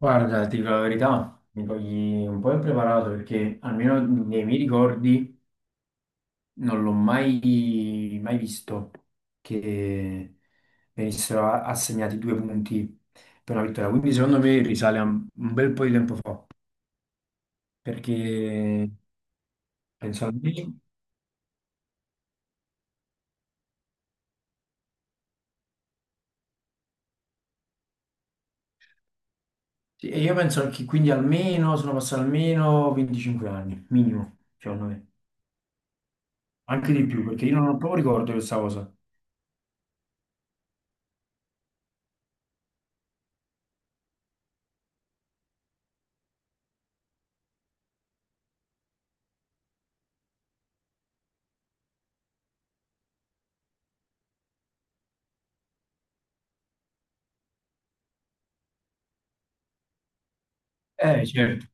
Guarda, ti dico la verità, mi togli un po' impreparato perché almeno nei miei ricordi non l'ho mai visto che venissero assegnati due punti per una vittoria. Quindi secondo me risale a un bel po' di tempo fa, perché penso almeno, sì, e io penso che quindi almeno sono passati almeno 25 anni, minimo, secondo me, anche di più, perché io non ho proprio ricordo di questa cosa. Certo,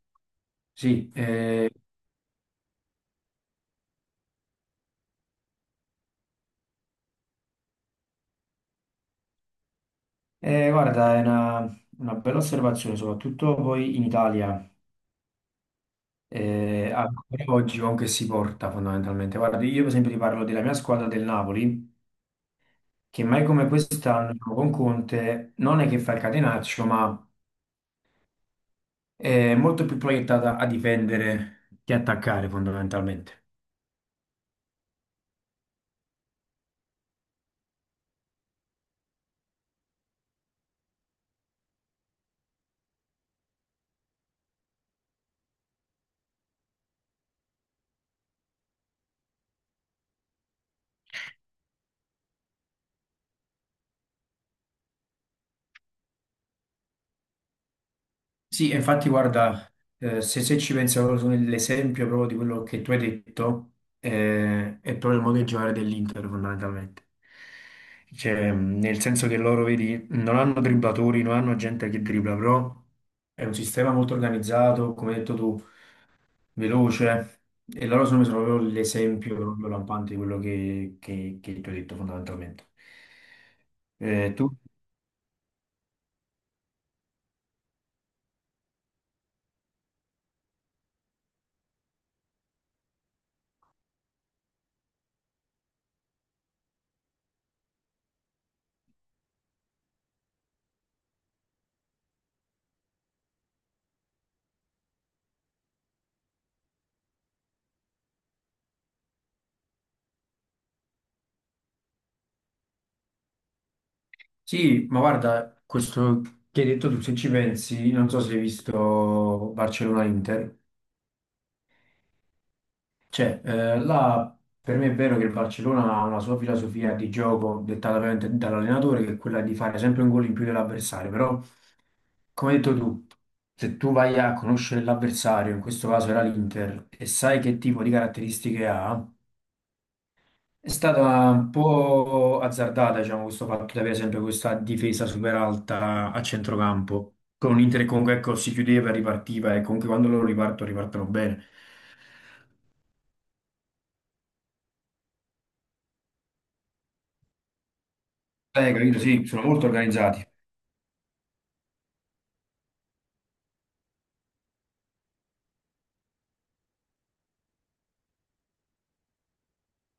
sì, eh, guarda, è una bella osservazione, soprattutto poi in Italia, ancora oggi con che si porta fondamentalmente. Guarda, io per esempio ti parlo della mia squadra del Napoli, che mai come quest'anno diciamo, con Conte non è che fa il catenaccio, ma è molto più proiettata a difendere che attaccare fondamentalmente. Sì, e infatti guarda, se ci pensi proprio su nell'esempio proprio di quello che tu hai detto, è proprio il modo di giocare dell'Inter fondamentalmente. Cioè, nel senso che loro, vedi, non hanno dribblatori, non hanno gente che dribbla, però è un sistema molto organizzato, come hai detto tu, veloce, e loro sono proprio l'esempio proprio lampante di quello che tu hai detto fondamentalmente. Tu? Sì, ma guarda, questo che hai detto tu, se ci pensi, non so se hai visto Barcellona-Inter, cioè, là per me è vero che il Barcellona ha una sua filosofia di gioco dettata veramente dall'allenatore, che è quella di fare sempre un gol in più dell'avversario, però, come hai detto tu, se tu vai a conoscere l'avversario, in questo caso era l'Inter, e sai che tipo di caratteristiche ha. È stata un po' azzardata, diciamo, questo fatto di avere sempre questa difesa super alta a centrocampo, con un Inter che comunque ecco, si chiudeva e ripartiva, e comunque quando loro ripartono, ripartono bene. Capito? Sì, sono molto organizzati.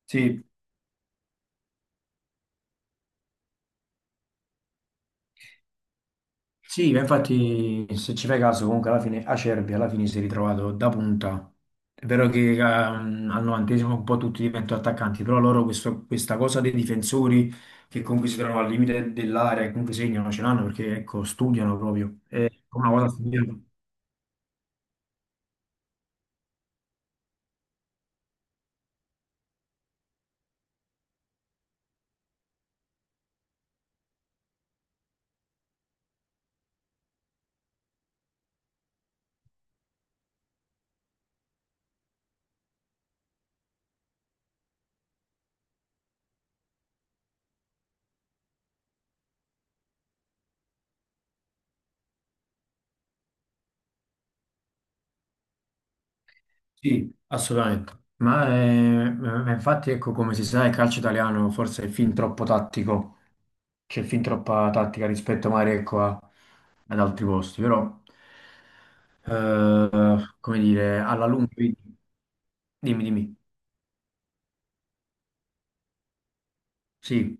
Sì, sì, ma infatti se ci fai caso comunque alla fine Acerbi alla fine si è ritrovato da punta. È vero che al novantesimo un po' tutti diventano attaccanti, però loro questa cosa dei difensori che comunque si trovano al limite dell'area e comunque segnano ce l'hanno perché ecco, studiano proprio. È una cosa studiata. Sì, assolutamente. Ma infatti ecco come si sa il calcio italiano forse è fin troppo tattico. C'è fin troppa tattica rispetto magari ecco, ad altri posti, però, come dire, alla lunga, vedi, dimmi, dimmi. Sì,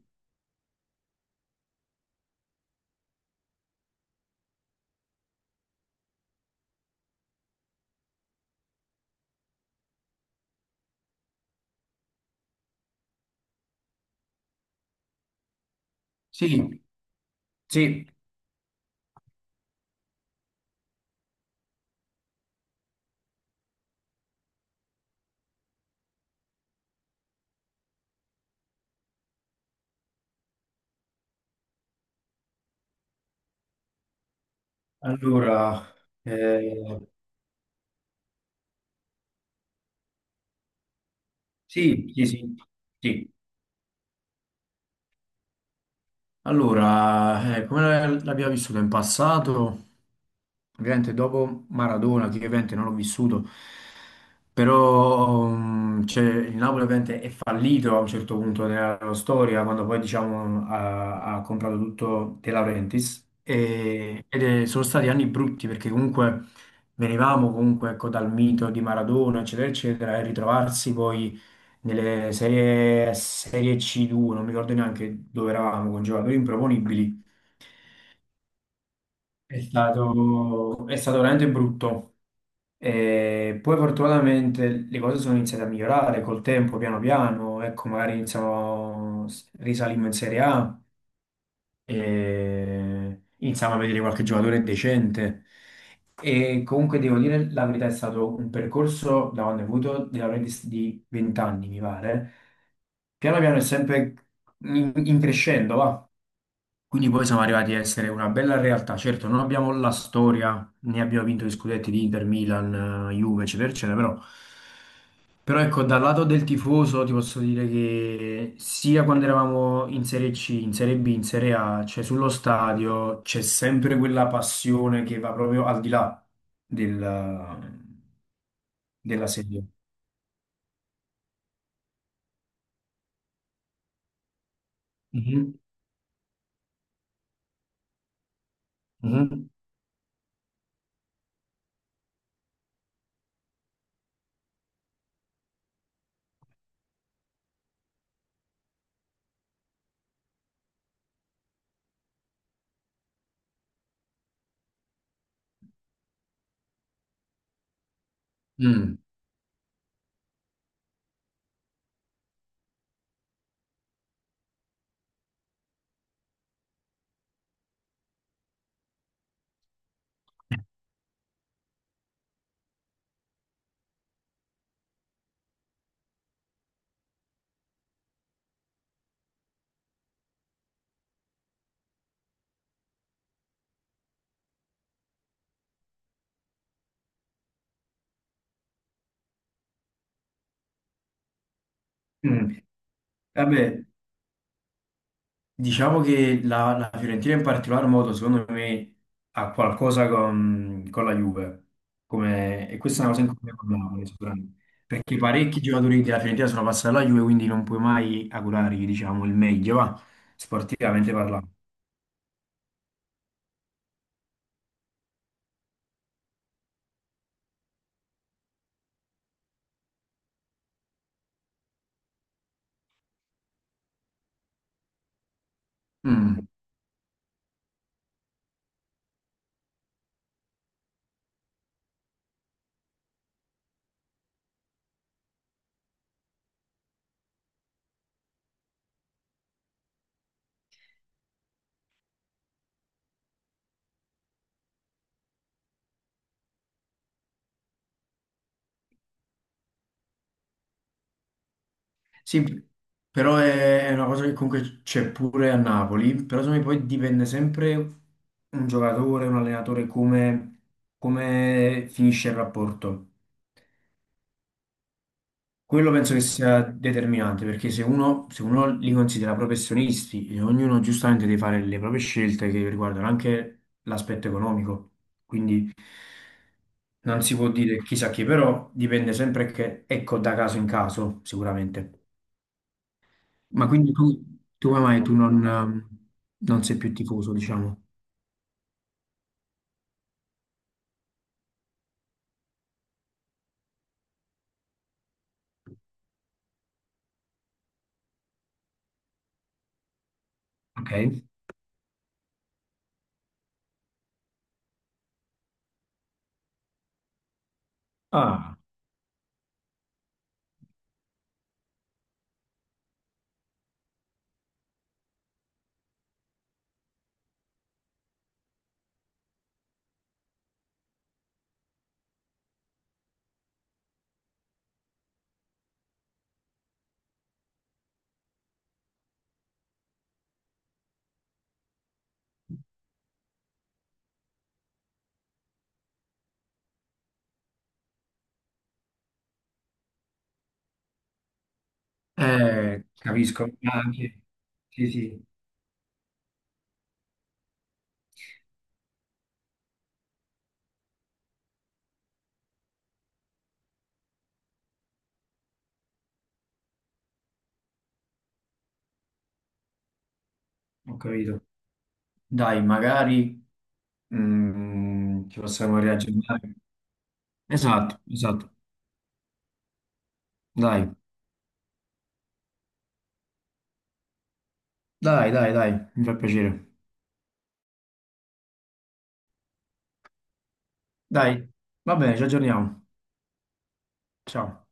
sì, sì. Allora, eh, sì, sì, sì, sì. Allora, come l'abbiamo vissuto in passato, ovviamente dopo Maradona, che ovviamente non l'ho vissuto, però mm, cioè, il Napoli ovviamente è fallito a un certo punto nella loro storia, quando poi diciamo ha comprato tutto De Laurentiis, e sono stati anni brutti perché comunque venivamo comunque ecco, dal mito di Maradona, eccetera, eccetera, e ritrovarsi poi nelle serie C2, non mi ricordo neanche dove eravamo con giocatori improponibili. È stato veramente brutto. E poi fortunatamente le cose sono iniziate a migliorare col tempo, piano piano. Ecco, magari iniziamo, risalimmo in Serie A. E iniziamo a vedere qualche giocatore decente. E comunque devo dire la verità, è stato un percorso da quando ho avuto della media di 20 anni, mi pare. Piano piano è sempre in crescendo, va. Quindi poi siamo arrivati a essere una bella realtà. Certo, non abbiamo la storia, né abbiamo vinto gli scudetti di Inter, Milan, Juve, eccetera, eccetera, però ecco, dal lato del tifoso ti posso dire che sia quando eravamo in Serie C, in Serie B, in Serie A, cioè sullo stadio c'è sempre quella passione che va proprio al di là del- della serie. Mhm, mhm. Mm. Mm. Vabbè, diciamo che la Fiorentina in particolar modo, secondo me, ha qualcosa con la Juve. Come, e questa è una cosa in cui parliamo, sicuramente. Perché parecchi giocatori della Fiorentina sono passati alla Juve, quindi non puoi mai augurargli, diciamo, il meglio, va, sportivamente parlando. Mm. Sì, però è una cosa che comunque c'è pure a Napoli, però secondo me poi dipende sempre un giocatore, un allenatore, come, come finisce il rapporto. Quello penso che sia determinante perché se uno, se uno li considera professionisti e ognuno giustamente deve fare le proprie scelte che riguardano anche l'aspetto economico, quindi non si può dire chissà chi, però dipende sempre che, ecco, da caso in caso sicuramente. Ma quindi tu, tu come mai tu non, non sei più tifoso, diciamo? Ok? Ah, eh, capisco. Ah, sì, sì, sì, ho capito. Dai, magari. Mm, ci possiamo riaggiornare. Esatto, esatto. Dai, dai, dai, dai, mi fa piacere. Dai, va bene, ci aggiorniamo. Ciao.